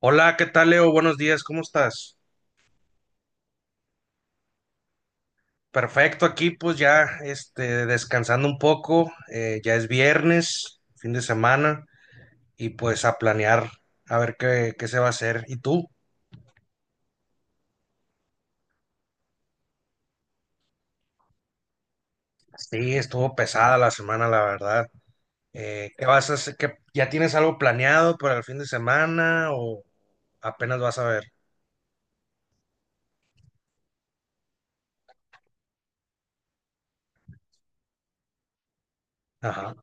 Hola, ¿qué tal, Leo? Buenos días, ¿cómo estás? Perfecto, aquí pues ya descansando un poco, ya es viernes, fin de semana, y pues a planear a ver qué se va a hacer. ¿Y tú? Sí, estuvo pesada la semana, la verdad. ¿Qué vas a hacer? ¿Ya tienes algo planeado para el fin de semana o apenas vas a ver? Ajá.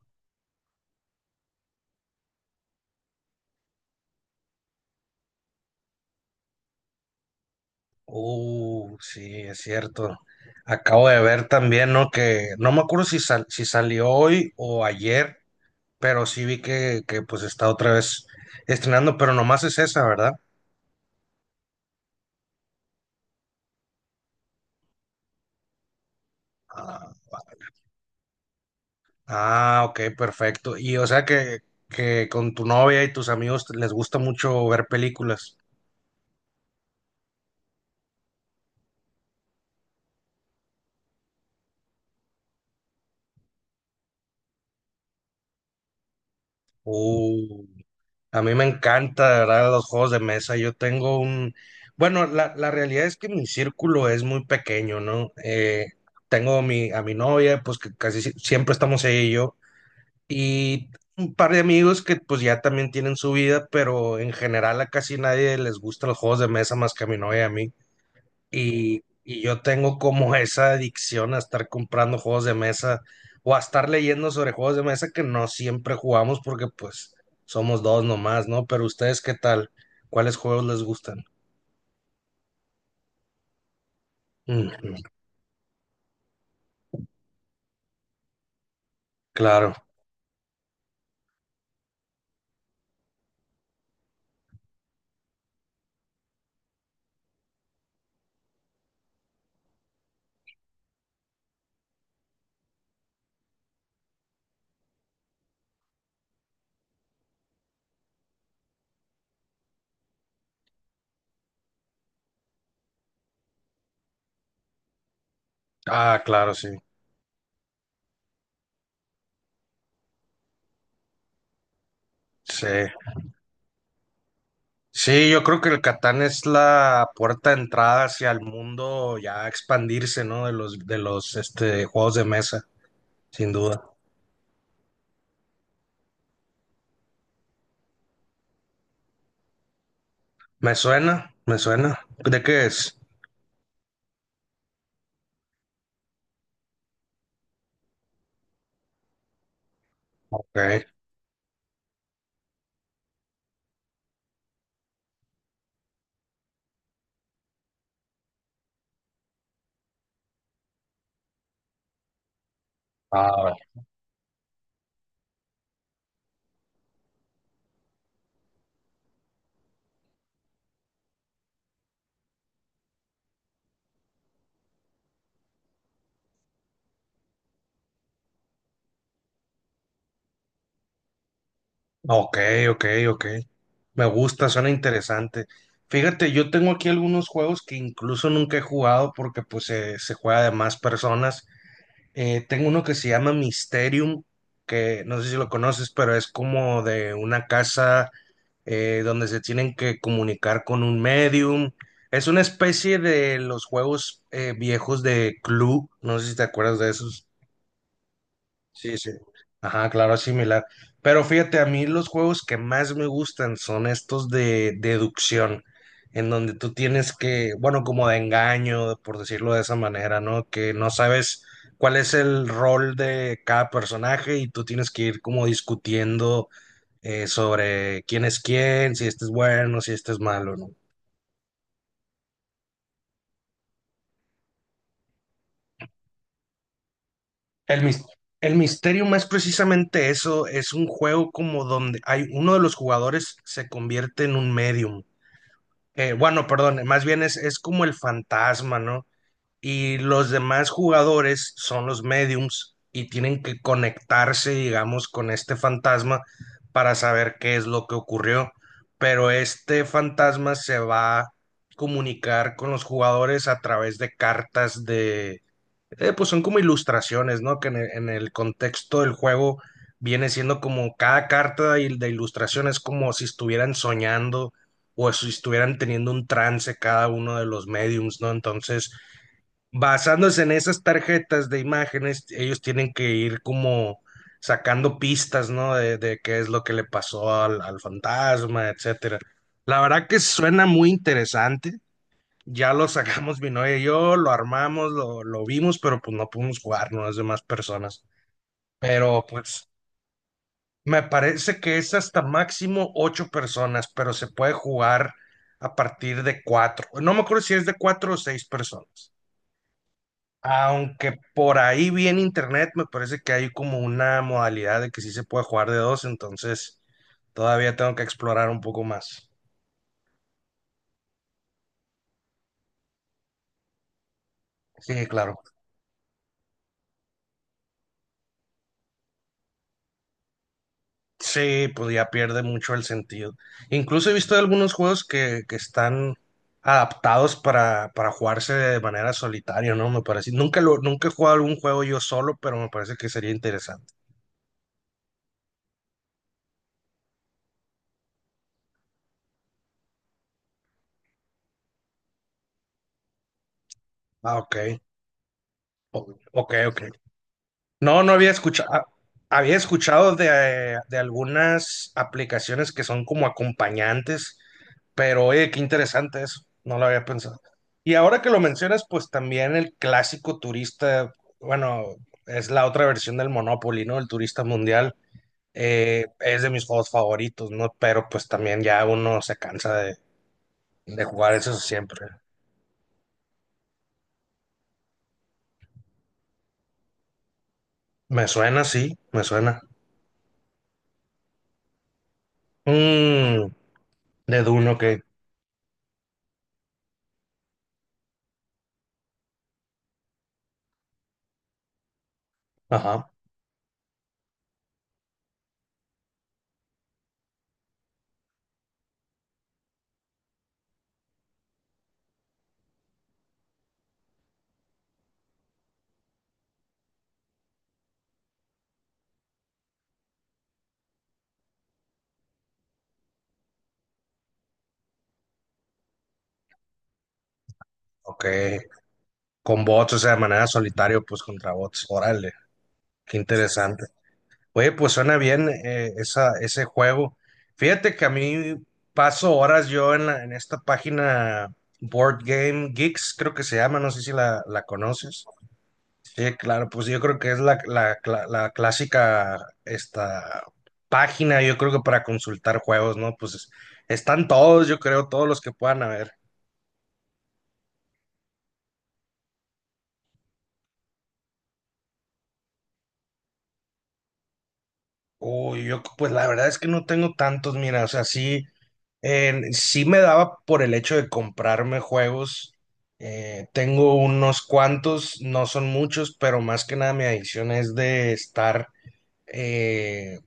Sí, es cierto. Acabo de ver también, ¿no? Que no me acuerdo si salió hoy o ayer, pero sí vi pues está otra vez estrenando, pero nomás es esa, ¿verdad? Ah, ok, perfecto. Y o sea que con tu novia y tus amigos les gusta mucho ver películas. Uh, a mí me encanta, de ¿verdad? Los juegos de mesa. Yo tengo un. Bueno, la realidad es que mi círculo es muy pequeño, ¿no? A mi novia, pues que casi si- siempre estamos ella y yo. Y un par de amigos que pues ya también tienen su vida, pero en general a casi nadie les gustan los juegos de mesa más que a mi novia y a mí. Y yo tengo como esa adicción a estar comprando juegos de mesa o a estar leyendo sobre juegos de mesa que no siempre jugamos porque pues somos dos nomás, ¿no? Pero ustedes, ¿qué tal? ¿Cuáles juegos les gustan? Ujú, claro. Ah, claro, sí. Sí. Sí, yo creo que el Catán es la puerta de entrada hacia el mundo ya expandirse, ¿no? De los juegos de mesa, sin duda. Me suena, me suena. ¿De qué es? Ok. Ah, ok, ok, ok. Me gusta, suena interesante. Fíjate, yo tengo aquí algunos juegos que incluso nunca he jugado porque pues se juega de más personas. Tengo uno que se llama Mysterium, que no sé si lo conoces, pero es como de una casa, donde se tienen que comunicar con un medium. Es una especie de los juegos viejos de Clue, no sé si te acuerdas de esos. Sí, sí. Ajá, claro, es similar. Pero fíjate, a mí los juegos que más me gustan son estos de deducción, en donde tú tienes que, bueno, como de engaño, por decirlo de esa manera, ¿no? Que no sabes cuál es el rol de cada personaje y tú tienes que ir como discutiendo, sobre quién es quién, si este es bueno, si este es malo, ¿no? El, mis- el misterio, más precisamente eso, es un juego como donde hay uno de los jugadores se convierte en un medium. Bueno, perdón, más bien es como el fantasma, ¿no? Y los demás jugadores son los mediums y tienen que conectarse, digamos, con este fantasma para saber qué es lo que ocurrió. Pero este fantasma se va a comunicar con los jugadores a través de cartas pues son como ilustraciones, ¿no? Que en el contexto del juego viene siendo como cada carta de ilustración, es como si estuvieran soñando o si estuvieran teniendo un trance cada uno de los mediums, ¿no? Entonces, basándose en esas tarjetas de imágenes, ellos tienen que ir como sacando pistas, ¿no? De qué es lo que le pasó al fantasma, etcétera. La verdad que suena muy interesante. Ya lo sacamos mi novia y yo, lo armamos, lo vimos, pero pues no pudimos jugar, no las demás personas. Pero pues me parece que es hasta máximo ocho personas, pero se puede jugar a partir de cuatro. No me acuerdo si es de cuatro o seis personas. Aunque por ahí vi en internet, me parece que hay como una modalidad de que sí se puede jugar de dos, entonces todavía tengo que explorar un poco más. Sí, claro. Sí, pues ya pierde mucho el sentido. Incluso he visto algunos juegos que están adaptados para jugarse de manera solitaria, ¿no? Me parece. Nunca he jugado algún juego yo solo, pero me parece que sería interesante. Ah, ok. Ok, ok. No, había escuchado de algunas aplicaciones que son como acompañantes, pero oye, qué interesante eso, no lo había pensado. Y ahora que lo mencionas, pues también el clásico turista, bueno, es la otra versión del Monopoly, ¿no? El turista mundial, es de mis juegos favoritos, ¿no? Pero pues también ya uno se cansa de jugar eso siempre. Me suena, sí, me suena. Mm, de Duno, ok. Ajá, ok. Con bots, o sea, de manera solitario, pues contra bots. Órale, qué interesante. Oye, pues suena bien, ese juego. Fíjate que a mí paso horas yo en esta página Board Game Geeks, creo que se llama, no sé si la conoces. Sí, claro, pues yo creo que es la clásica esta página, yo creo que para consultar juegos, ¿no? Pues están todos, yo creo, todos los que puedan haber. Uy, yo pues la verdad es que no tengo tantos, mira, o sea, sí, sí me daba por el hecho de comprarme juegos. Tengo unos cuantos, no son muchos, pero más que nada mi adicción es eh,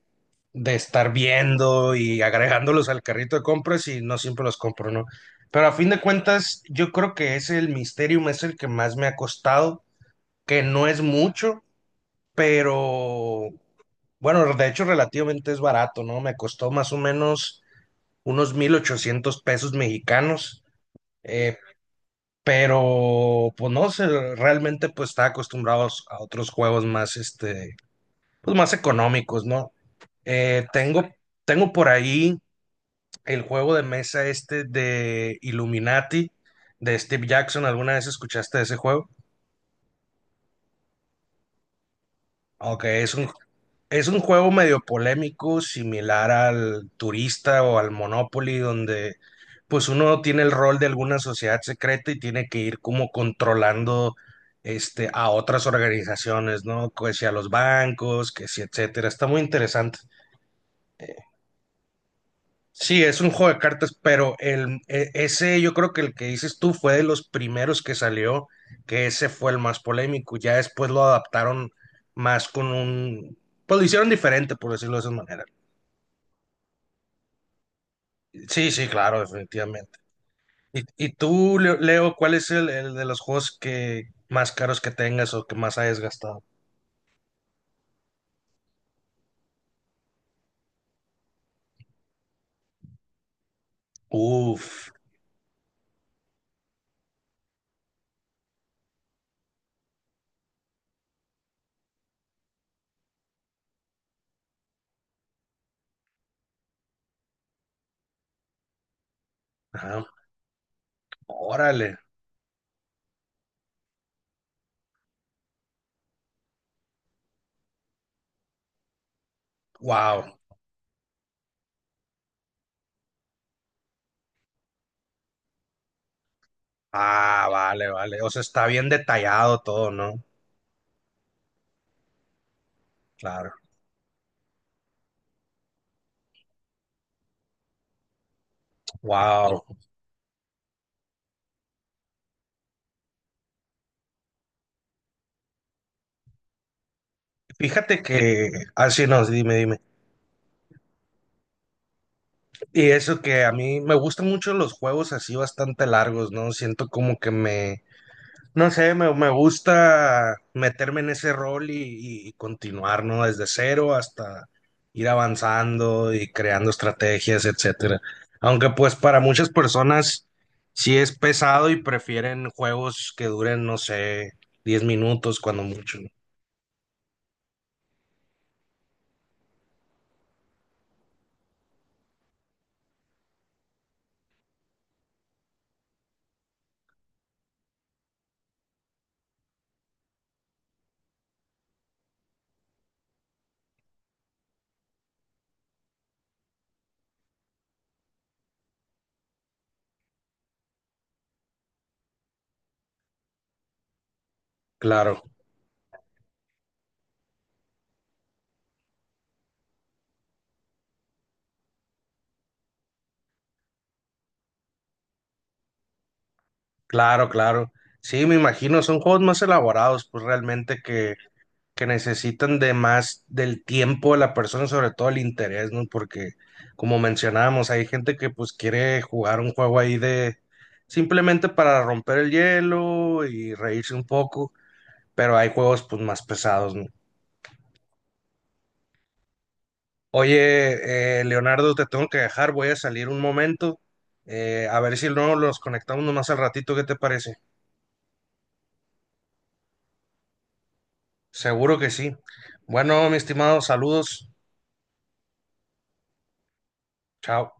de estar viendo y agregándolos al carrito de compras y no siempre los compro, ¿no? Pero a fin de cuentas, yo creo que es el Mysterium, es el que más me ha costado, que no es mucho, pero bueno, de hecho relativamente es barato, ¿no? Me costó más o menos unos 1,800 pesos mexicanos, eh, pero pues no sé, realmente pues está acostumbrado a otros juegos más, pues más económicos, ¿no? Eh, tengo, tengo por ahí el juego de mesa este de Illuminati, de Steve Jackson. ¿Alguna vez escuchaste de ese juego? Ok, es un juego medio polémico, similar al turista o al Monopoly, donde pues uno tiene el rol de alguna sociedad secreta y tiene que ir como controlando este a otras organizaciones, ¿no? Que si a los bancos, que si etcétera. Está muy interesante. Sí, es un juego de cartas, pero ese yo creo que el que dices tú fue de los primeros que salió, que ese fue el más polémico. Ya después lo adaptaron más con un, pues lo hicieron diferente, por decirlo de esa manera. Sí, sí, claro, definitivamente. ¿Y tú, Leo, Leo, cuál es el de los juegos que más caros que tengas o que más hayas gastado? Uf, ajá, órale, wow. Ah, vale, vale. O sea, está bien detallado todo, ¿no? Claro. Wow. Fíjate que, así no, dime, dime. Y eso que a mí me gustan mucho los juegos así bastante largos, ¿no? Siento como que me No sé, me gusta meterme en ese rol y continuar, ¿no? Desde cero hasta ir avanzando y creando estrategias, etcétera. Aunque pues para muchas personas sí es pesado y prefieren juegos que duren, no sé, 10 minutos cuando mucho, ¿no? Claro, claro, claro. Sí, me imagino, son juegos más elaborados, pues realmente que necesitan de más del tiempo de la persona, sobre todo el interés, ¿no? Porque, como mencionábamos, hay gente que pues quiere jugar un juego ahí de simplemente para romper el hielo y reírse un poco, pero hay juegos pues más pesados, ¿no? Oye, Leonardo, te tengo que dejar, voy a salir un momento, a ver si no los conectamos nomás al ratito, ¿qué te parece? Seguro que sí. Bueno, mi estimado, saludos, chao.